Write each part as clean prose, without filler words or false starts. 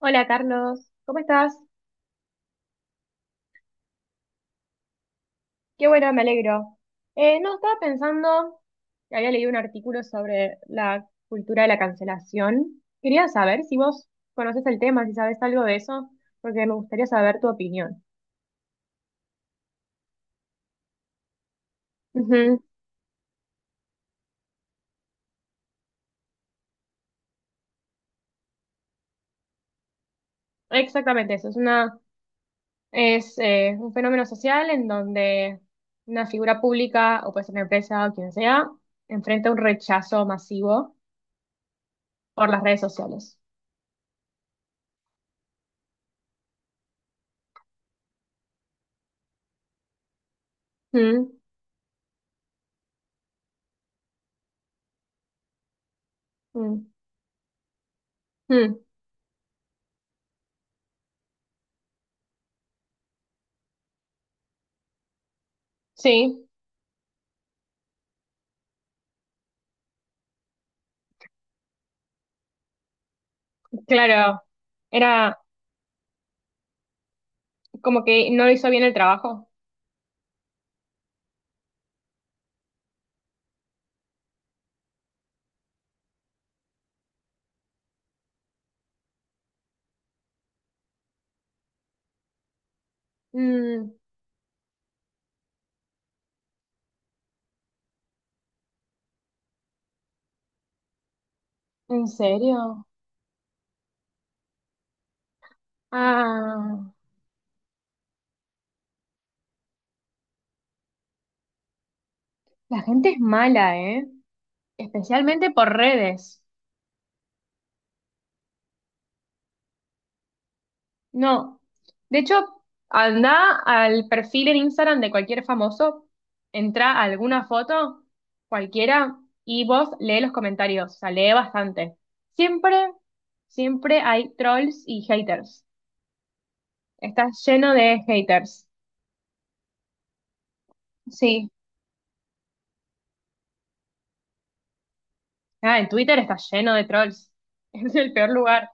Hola Carlos, ¿cómo estás? Qué bueno, me alegro. No, Estaba pensando que había leído un artículo sobre la cultura de la cancelación. Quería saber si vos conoces el tema, si sabes algo de eso, porque me gustaría saber tu opinión. Ujú. Exactamente, eso es un fenómeno social en donde una figura pública o puede ser una empresa o quien sea, enfrenta un rechazo masivo por las redes sociales. Mm, mm, mm. Sí. Claro, era como que no hizo bien el trabajo. Mm. ¿En serio? Ah, la gente es mala, ¿eh? Especialmente por redes. No, de hecho, anda al perfil en Instagram de cualquier famoso, entra a alguna foto, cualquiera, y vos lee los comentarios, o sea, lee bastante. Siempre, siempre hay trolls y haters. Está lleno de haters. Sí. Ah, en Twitter está lleno de trolls. Es el peor lugar.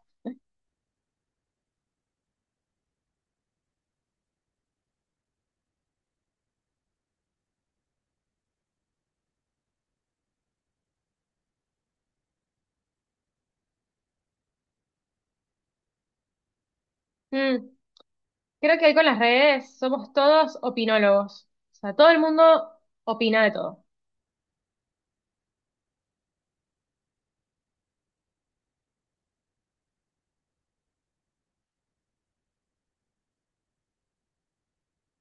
Mm. Creo que hoy con las redes somos todos opinólogos. O sea, todo el mundo opina de todo.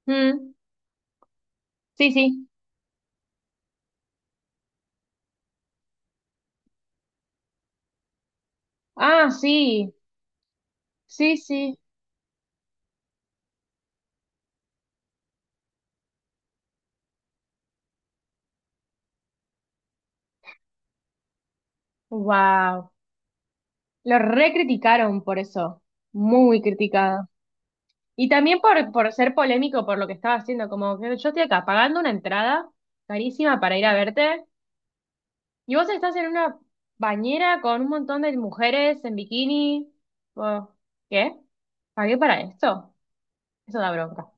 Mm. Sí, sí. Ah, sí. Sí, sí. Wow. Lo recriticaron por eso. Muy criticado. Y también por ser polémico por lo que estaba haciendo. Como que yo estoy acá pagando una entrada carísima para ir a verte. Y vos estás en una bañera con un montón de mujeres en bikini. Oh, ¿qué? ¿Pagué para esto? Eso da bronca.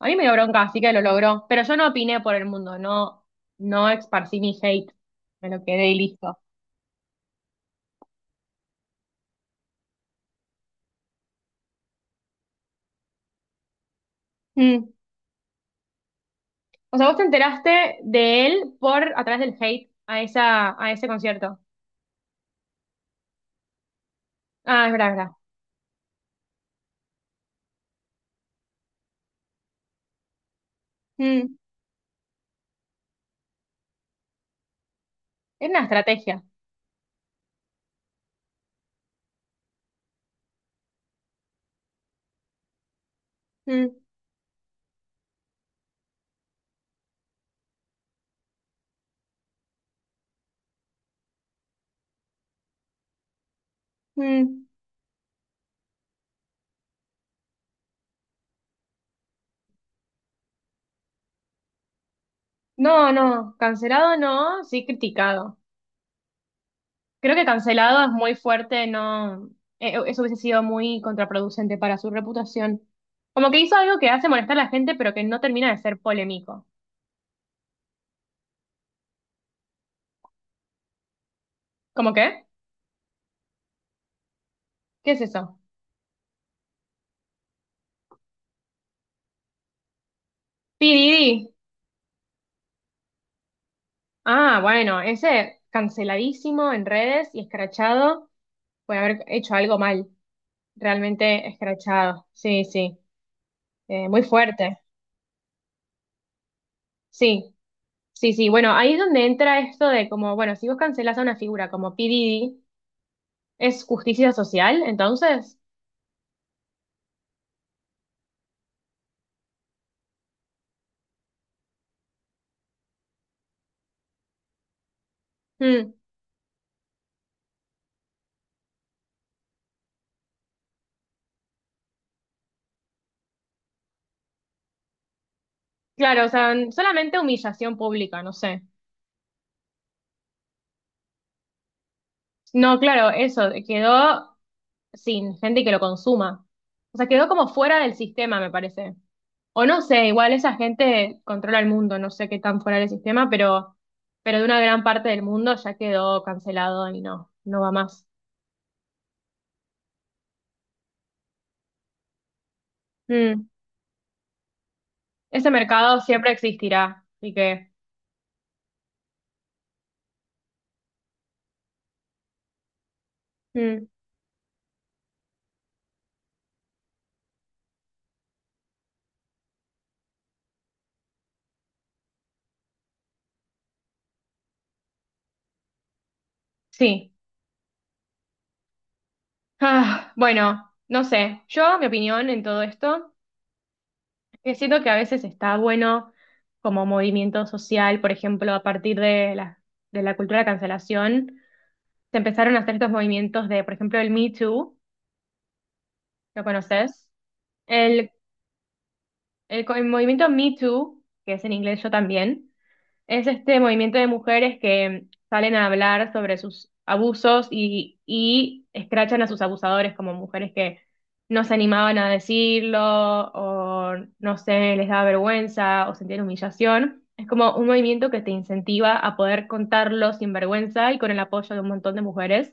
A mí me dio bronca, así que lo logró. Pero yo no opiné por el mundo, no, no esparcí mi hate. Me lo quedé y listo. Mm. O sea, vos te enteraste de él por a través del hate a ese concierto. Ah, es verdad, es verdad. Mm. Es una estrategia. Mm, mm. No, no, cancelado no, sí criticado. Creo que cancelado es muy fuerte, no, eso hubiese sido muy contraproducente para su reputación. Como que hizo algo que hace molestar a la gente, pero que no termina de ser polémico. ¿Cómo qué? ¿Qué es eso? Piridi. Ah, bueno, ese canceladísimo en redes y escrachado por haber hecho algo mal. Realmente escrachado. Sí, sí. Muy fuerte. Sí, sí, sí. Bueno, ahí es donde entra esto de como, bueno, si vos cancelás a una figura como P. Diddy, ¿es justicia social entonces? Mm. Claro, o sea, solamente humillación pública, no sé. No, claro, eso, quedó sin gente que lo consuma. O sea, quedó como fuera del sistema, me parece. O no sé, igual esa gente controla el mundo, no sé qué tan fuera del sistema, pero de una gran parte del mundo ya quedó cancelado y no, no va más. Mm. Ese mercado siempre existirá, así que mm, sí. Ah, bueno, no sé, yo mi opinión en todo esto. Que siento que a veces está bueno como movimiento social, por ejemplo, a partir de la cultura de cancelación, se empezaron a hacer estos movimientos de, por ejemplo, el Me Too, ¿lo conoces? El, el movimiento Me Too, que es en inglés yo también. Es este movimiento de mujeres que salen a hablar sobre sus abusos y escrachan a sus abusadores como mujeres que no se animaban a decirlo o no sé, les daba vergüenza o sentían humillación. Es como un movimiento que te incentiva a poder contarlo sin vergüenza y con el apoyo de un montón de mujeres.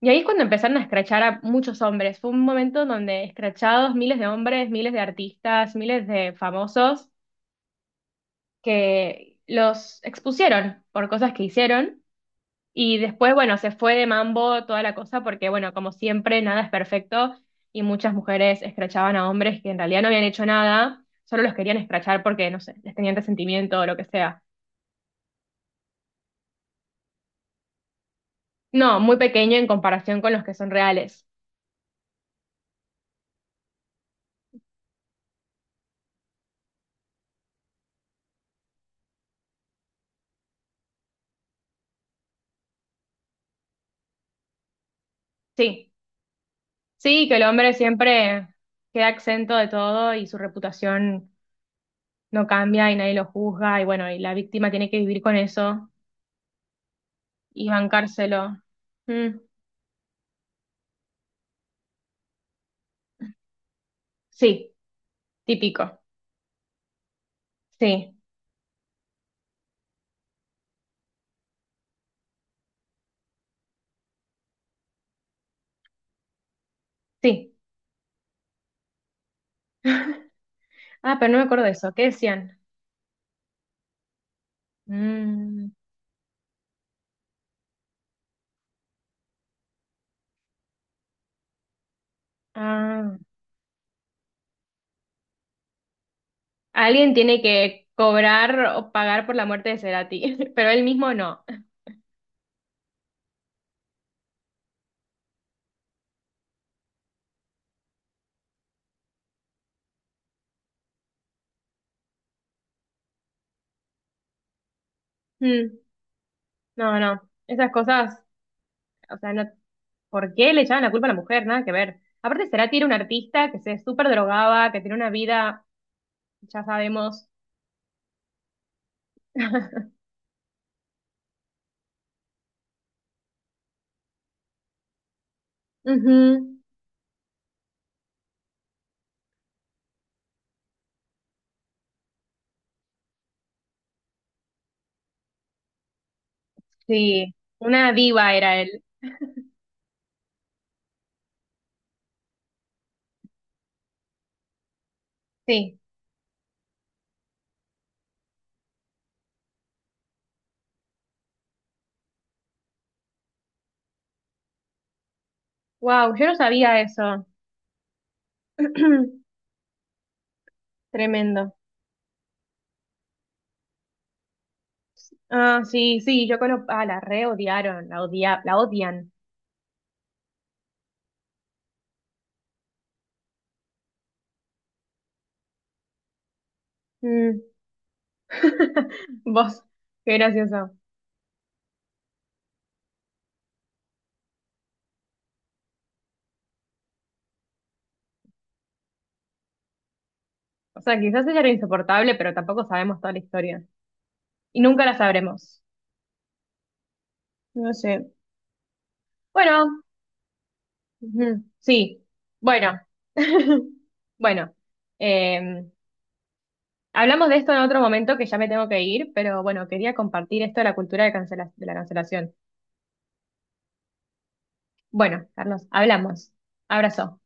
Y ahí es cuando empezaron a escrachar a muchos hombres. Fue un momento donde escrachados miles de hombres, miles de artistas, miles de famosos que los expusieron por cosas que hicieron y después, bueno, se fue de mambo toda la cosa porque, bueno, como siempre, nada es perfecto y muchas mujeres escrachaban a hombres que en realidad no habían hecho nada, solo los querían escrachar porque, no sé, les tenían resentimiento o lo que sea. No, muy pequeño en comparación con los que son reales. Sí, sí, que el hombre siempre queda exento de todo y su reputación no cambia y nadie lo juzga y bueno, y la víctima tiene que vivir con eso y bancárselo. Mm. Sí, típico. Sí, sí. Ah, pero no me acuerdo de eso. ¿Qué decían? Mm, ah. Alguien tiene que cobrar o pagar por la muerte de Cerati, pero él mismo no. Mm, no, no. Esas cosas, o sea, no, ¿por qué le echaban la culpa a la mujer? Nada que ver. Aparte, Cerati era un artista que se súper drogaba, que tenía una vida, ya sabemos. Ujú. Sí, una diva era él. Sí. Wow, yo no sabía eso. Tremendo. Ah, sí, sí, yo conozco. Ah, la re odiaron, la odia, la odian. Mm. Vos, qué gracioso. O sea, quizás ella era insoportable, pero tampoco sabemos toda la historia. Y nunca la sabremos. No sé. Bueno, ujú, sí. Bueno. Bueno. eh, Hablamos de esto en otro momento que ya me tengo que ir, pero bueno, quería compartir esto de la cultura de la cancelación. Bueno, Carlos, hablamos. Abrazo.